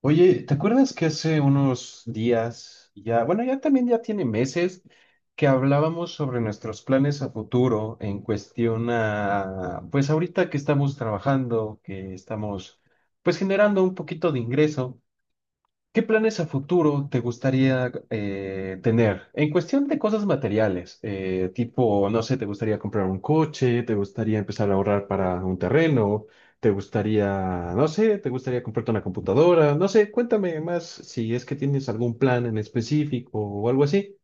Oye, ¿te acuerdas que hace unos días, ya, bueno, ya también ya tiene meses, que hablábamos sobre nuestros planes a futuro en cuestión a, pues ahorita que estamos trabajando, que estamos pues generando un poquito de ingreso? ¿Qué planes a futuro te gustaría tener? En cuestión de cosas materiales, tipo, no sé, ¿te gustaría comprar un coche? ¿Te gustaría empezar a ahorrar para un terreno? ¿Te gustaría, no sé, te gustaría comprarte una computadora? No sé, cuéntame más si es que tienes algún plan en específico o algo así.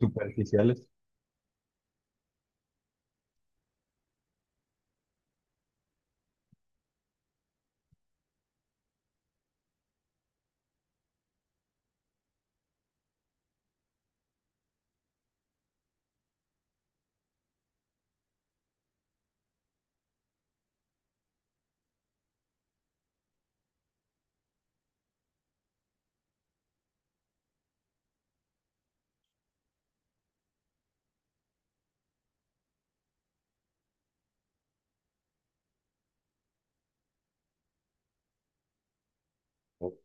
Superficiales. Ok.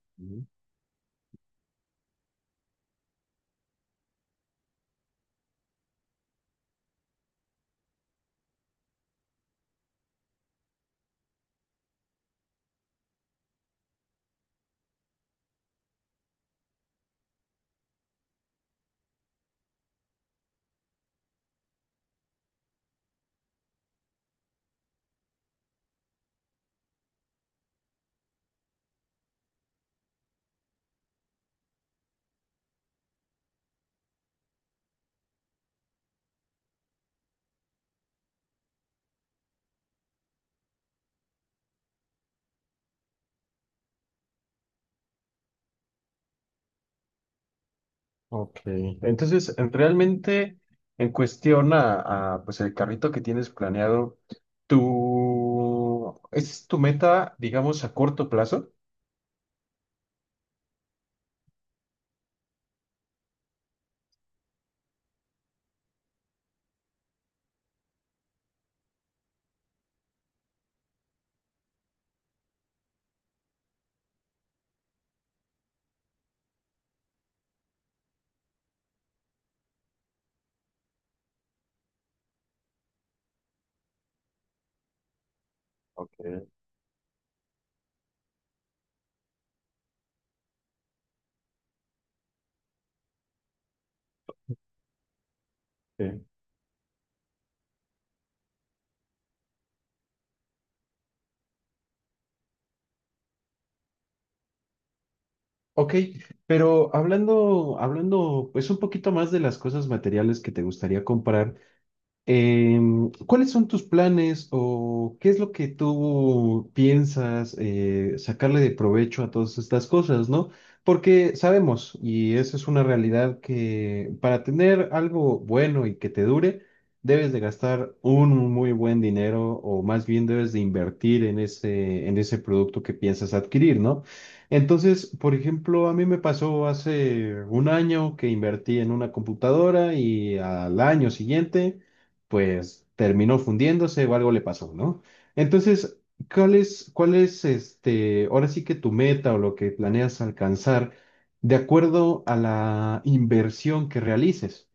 Ok, realmente en cuestión a, pues el carrito que tienes planeado, tú, ¿es tu meta, digamos, a corto plazo? Ok, sí. Ok, pero hablando, hablando pues un poquito más de las cosas materiales que te gustaría comprar. ¿Cuáles son tus planes o qué es lo que tú piensas sacarle de provecho a todas estas cosas, ¿no? Porque sabemos, y eso es una realidad, que para tener algo bueno y que te dure, debes de gastar un muy buen dinero o más bien debes de invertir en ese producto que piensas adquirir, ¿no? Entonces, por ejemplo, a mí me pasó hace un año que invertí en una computadora y al año siguiente pues terminó fundiéndose o algo le pasó, ¿no? Entonces, cuál es este, ahora sí que tu meta o lo que planeas alcanzar de acuerdo a la inversión que realices?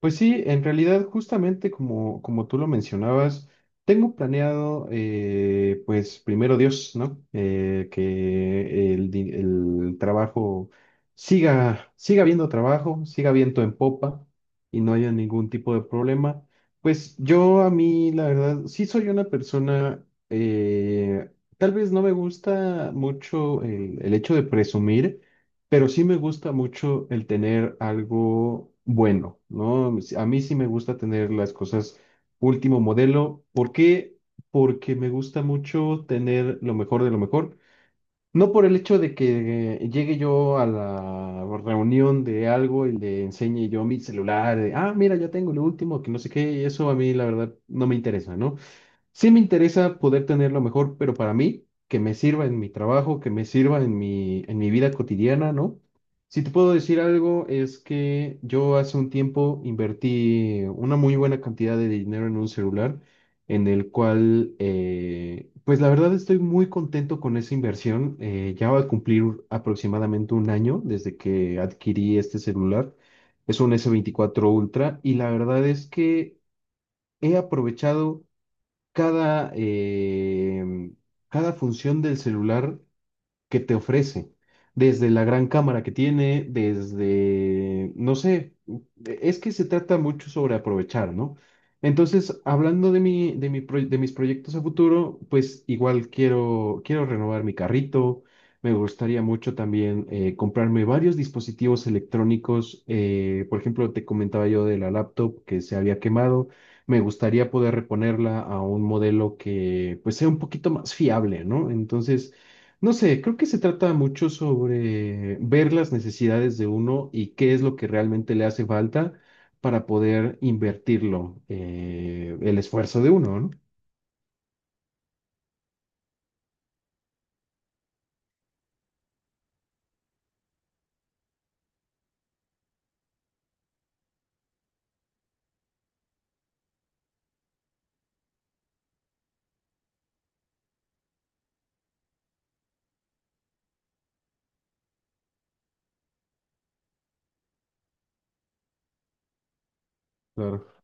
Pues sí, en realidad, justamente como, como tú lo mencionabas, tengo planeado, pues primero Dios, ¿no? Que el trabajo siga, siga habiendo trabajo, siga viento en popa y no haya ningún tipo de problema. Pues yo a mí, la verdad, sí soy una persona, tal vez no me gusta mucho el hecho de presumir. Pero sí me gusta mucho el tener algo bueno, ¿no? A mí sí me gusta tener las cosas último modelo. ¿Por qué? Porque me gusta mucho tener lo mejor de lo mejor. No por el hecho de que llegue yo a la reunión de algo y le enseñe yo mi celular, de, ah, mira, ya tengo lo último, que no sé qué, y eso a mí la verdad no me interesa, ¿no? Sí me interesa poder tenerlo mejor, pero para mí, que me sirva en mi trabajo, que me sirva en mi vida cotidiana, ¿no? Si te puedo decir algo, es que yo hace un tiempo invertí una muy buena cantidad de dinero en un celular, en el cual, pues la verdad estoy muy contento con esa inversión. Ya va a cumplir aproximadamente un año desde que adquirí este celular. Es un S24 Ultra y la verdad es que he aprovechado cada, eh, cada función del celular que te ofrece, desde la gran cámara que tiene, desde, no sé, es que se trata mucho sobre aprovechar, ¿no? Entonces, hablando de de mis proyectos a futuro, pues igual quiero, quiero renovar mi carrito. Me gustaría mucho también comprarme varios dispositivos electrónicos. Por ejemplo, te comentaba yo de la laptop que se había quemado. Me gustaría poder reponerla a un modelo que pues sea un poquito más fiable, ¿no? Entonces, no sé, creo que se trata mucho sobre ver las necesidades de uno y qué es lo que realmente le hace falta para poder invertirlo, el esfuerzo de uno, ¿no? Claro.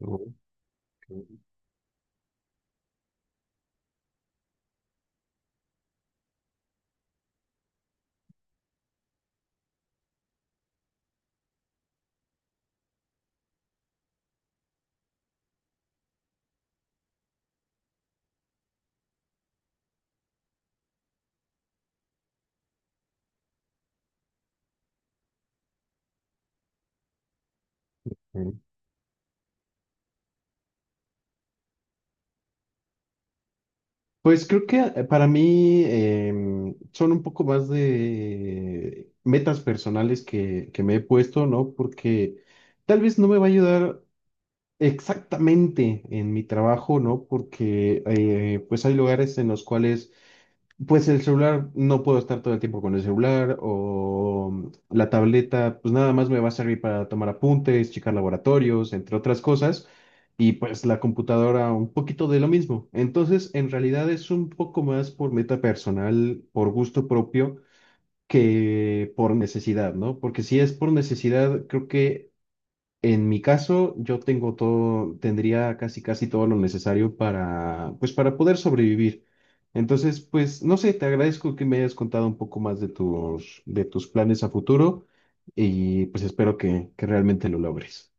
Ok, ok. Pues creo que para mí son un poco más de metas personales que me he puesto, ¿no? Porque tal vez no me va a ayudar exactamente en mi trabajo, ¿no? Porque pues hay lugares en los cuales pues el celular, no puedo estar todo el tiempo con el celular o la tableta, pues nada más me va a servir para tomar apuntes, checar laboratorios, entre otras cosas, y pues la computadora un poquito de lo mismo. Entonces, en realidad es un poco más por meta personal, por gusto propio, que por necesidad, ¿no? Porque si es por necesidad, creo que en mi caso, yo tengo todo, tendría casi casi todo lo necesario para, pues, para poder sobrevivir. Entonces, pues, no sé, te agradezco que me hayas contado un poco más de de tus planes a futuro y pues espero que realmente lo logres.